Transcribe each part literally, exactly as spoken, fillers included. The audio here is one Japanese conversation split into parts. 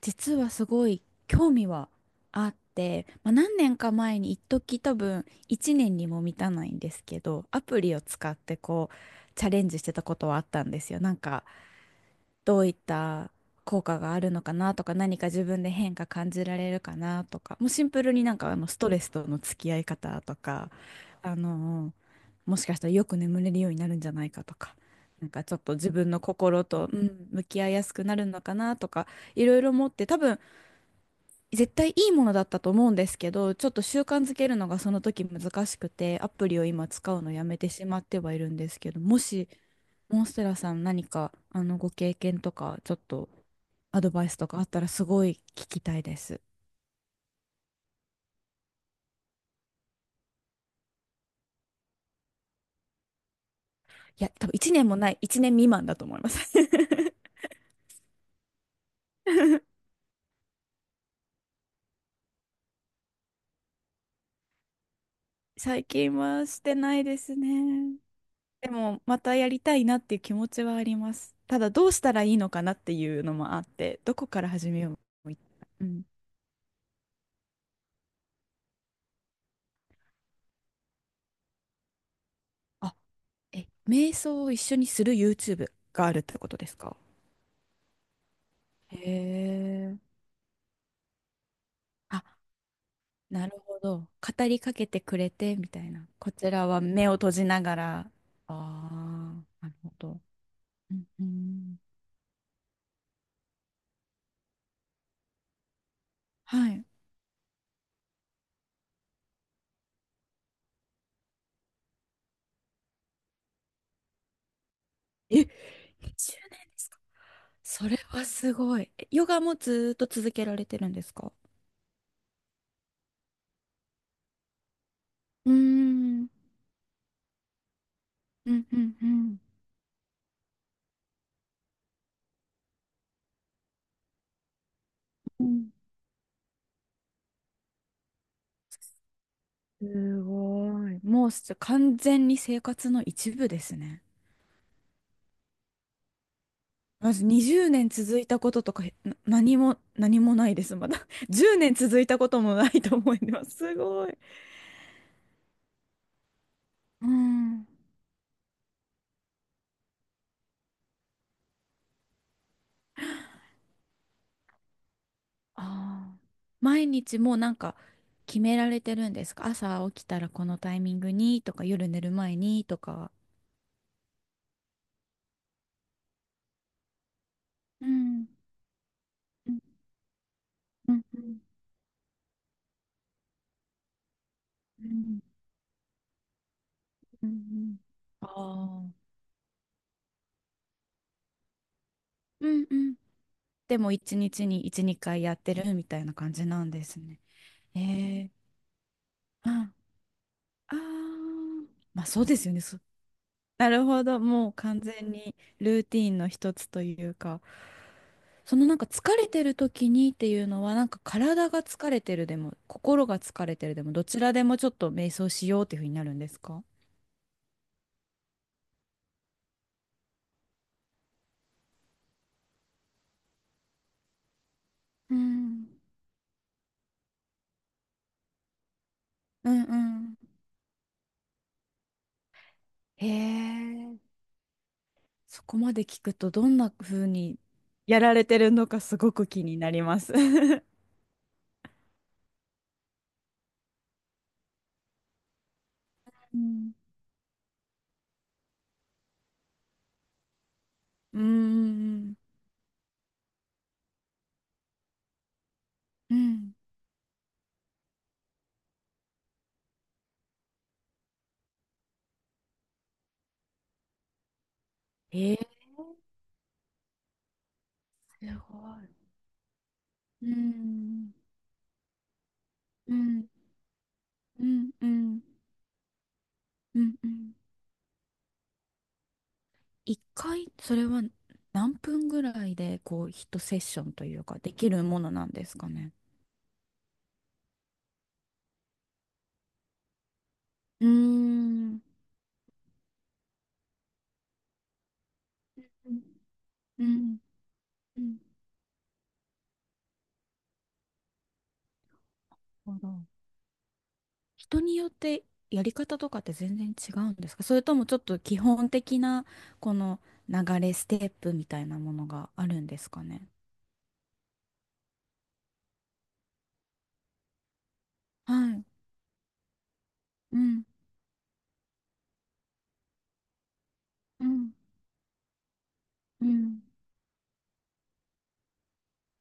実はすごい興味はあって、まあ、何年か前に一時多分いちねんにも満たないんですけどアプリを使ってこうチャレンジしてたことはあったんですよ。なんかどういった効果があるのかなとか、何か自分で変化感じられるかなとか、もうシンプルになんかあのストレスとの付き合い方とか、あのもしかしたらよく眠れるようになるんじゃないかとか。なんかちょっと自分の心と、うん向き合いやすくなるのかなとか、いろいろ思って、多分絶対いいものだったと思うんですけど、ちょっと習慣づけるのがその時難しくて、アプリを今使うのやめてしまってはいるんですけど、もし、モンステラさん何か、あの、ご経験とか、ちょっとアドバイスとかあったらすごい聞きたいです。いや、多分いちねんもない、いちねん未満だと思います。最近はしてないですね。でも、またやりたいなっていう気持ちはあります。ただ、どうしたらいいのかなっていうのもあって、どこから始めようも。うんあえ、瞑想を一緒にする ユーチューブ があるってことですか？へえ。あ、なるほど。語りかけてくれてみたいな。こちらは目を閉じながら。ああ、なるほど。うんうん。はい。え、にじゅうねんですか？それはすごい。えヨガもずーっと続けられてるんですか？うーん。うんうんうん。うん、すごい。もうす完全に生活の一部ですね。まずにじゅうねん続いたこととか、な何も、何もないです、まだ。じゅうねん続いたこともないと思います。すごい。うん。ああ。毎日もうなんか決められてるんですか？朝起きたらこのタイミングにとか、夜寝る前にとか。うんうんうんうんうんうんああ。うんうん。でも一日に一、二回やってるみたいな感じなんですね。えーうん。ああ。まあそうですよね。なるほど。もう完全にルーティンの一つというか、その、なんか疲れてる時にっていうのは、なんか体が疲れてるでも、心が疲れてるでも、どちらでもちょっと瞑想しようっていうふうになるんですか？うん。うんうん。へえ、そこまで聞くとどんな風にやられてるのかすごく気になります。ううんうーん。うん。へえー。すごい。うん。うん。うん。うん。うんうん。一回、それは何分ぐらいで、こう、一セッションというか、できるものなんですかね。うーん。うん。うんうん、なるほど。人によってやり方とかって全然違うんですか？それともちょっと基本的なこの流れ、ステップみたいなものがあるんですかね？はい。うん。うん。うん。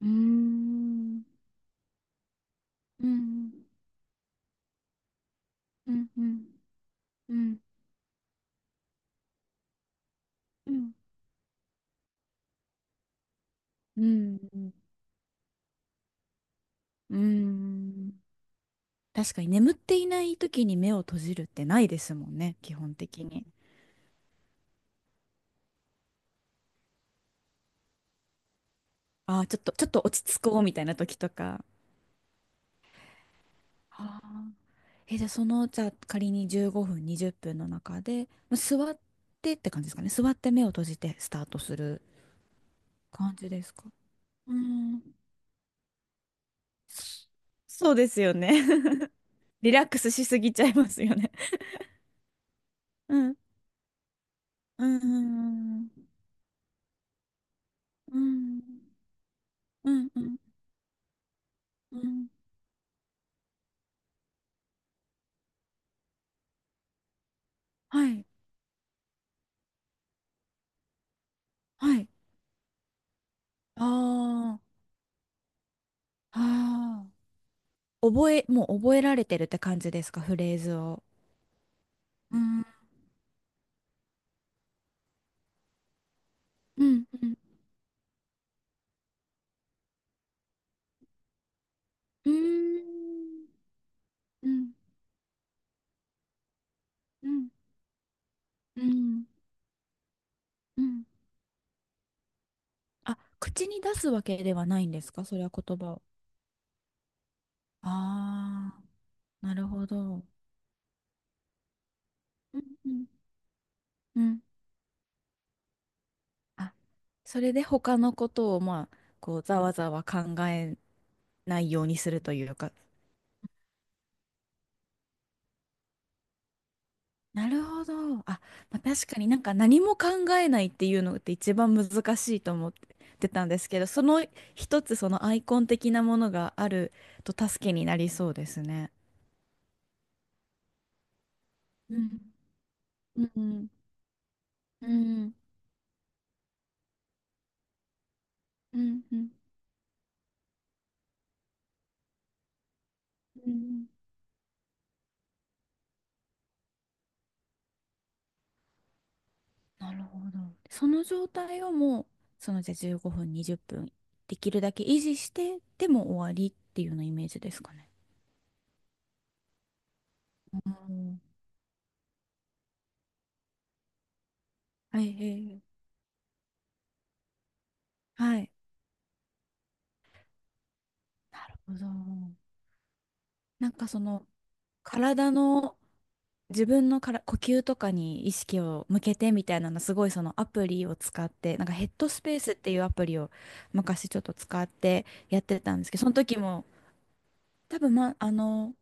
うーん。うん。うん。うん。うん。うん。うん。うん。確かに眠っていない時に目を閉じるってないですもんね、基本的に。ああ、ちょっと、ちょっと落ち着こうみたいな時とか。はあ、え、じゃあその、じゃあ仮にじゅうごふん、にじゅっぷんの中で、まあ座ってって感じですかね。座って目を閉じてスタートする感じですか。うん。そうですよね。リラックスしすぎちゃいますよね。うん。うん。うん。うん。うん。うん。はい。はい。ああ。ああ。覚え、もう覚えられてるって感じですか、フレーズを。うんうんうんうーんうんうんうんうんあ、口に出すわけではないんですか、それは言葉を。ああ、なるほど。うんうんうんあ、それで他のことを、まあ、こう、ざわざわ考えないようにするというか、なるほど。あ、まあ、確かになんか何も考えないっていうのって一番難しいと思ってたんですけど、その一つそのアイコン的なものがあると助けになりそうですね。うん、うんうんうんうんうんなるほど。その状態をもう、そのじゃあじゅうごふん、にじゅっぷんできるだけ維持してでも終わりっていうようなイメージですかね。うんはいはいはいはい。なるほど。なんかその体の自分のから呼吸とかに意識を向けてみたいなの、すごい、そのアプリを使って、なんかヘッドスペースっていうアプリを昔ちょっと使ってやってたんですけど、その時も多分、まあの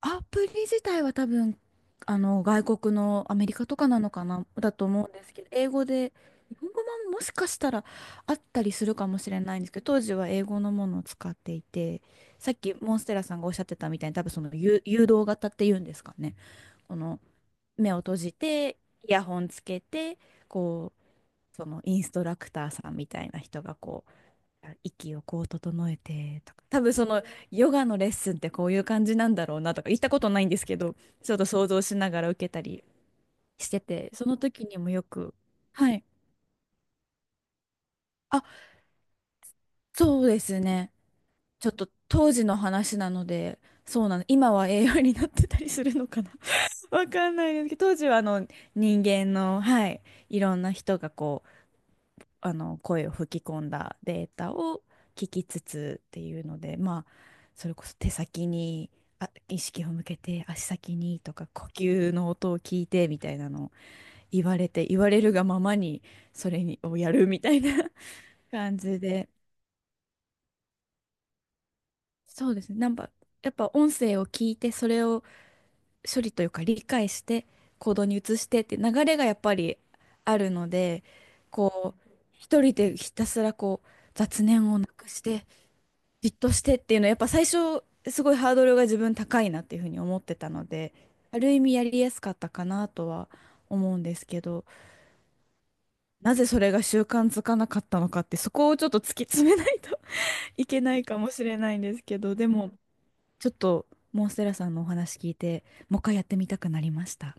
アプリ自体は多分あの外国の、アメリカとかなのかなだと思うんですけど、英語で、日本語ももしかしたらあったりするかもしれないんですけど、当時は英語のものを使っていて、さっきモンステラさんがおっしゃってたみたいに、多分その誘誘導型っていうんですかね、この目を閉じて、イヤホンつけて、こう、そのインストラクターさんみたいな人がこう、息をこう整えてとか、多分そのヨガのレッスンってこういう感じなんだろうなとか、行ったことないんですけど、ちょっと想像しながら受けたりしてて、その時にもよく、はい。あ、そうですね。ちょっと当時の話なので、そうなの。今は栄養になってたりするのかな。 わかんないですけど、当時はあの人間の、はい、いろんな人がこう、あの声を吹き込んだデータを聞きつつっていうので、まあそれこそ手先にあ意識を向けて足先にとか、呼吸の音を聞いてみたいなのを 言われて、言われるがままにそれにをやるみたいな 感じで、そうですね、なんかやっぱ音声を聞いてそれを処理というか理解して行動に移してって流れがやっぱりあるので、こう一人でひたすらこう雑念をなくしてじっとしてっていうのはやっぱ最初すごいハードルが自分高いなっていうふうに思ってたので、ある意味やりやすかったかなとは思うんですけど、なぜそれが習慣づかなかったのかって、そこをちょっと突き詰めないと いけないかもしれないんですけど、でもちょっとモンステラさんのお話聞いて、もう一回やってみたくなりました。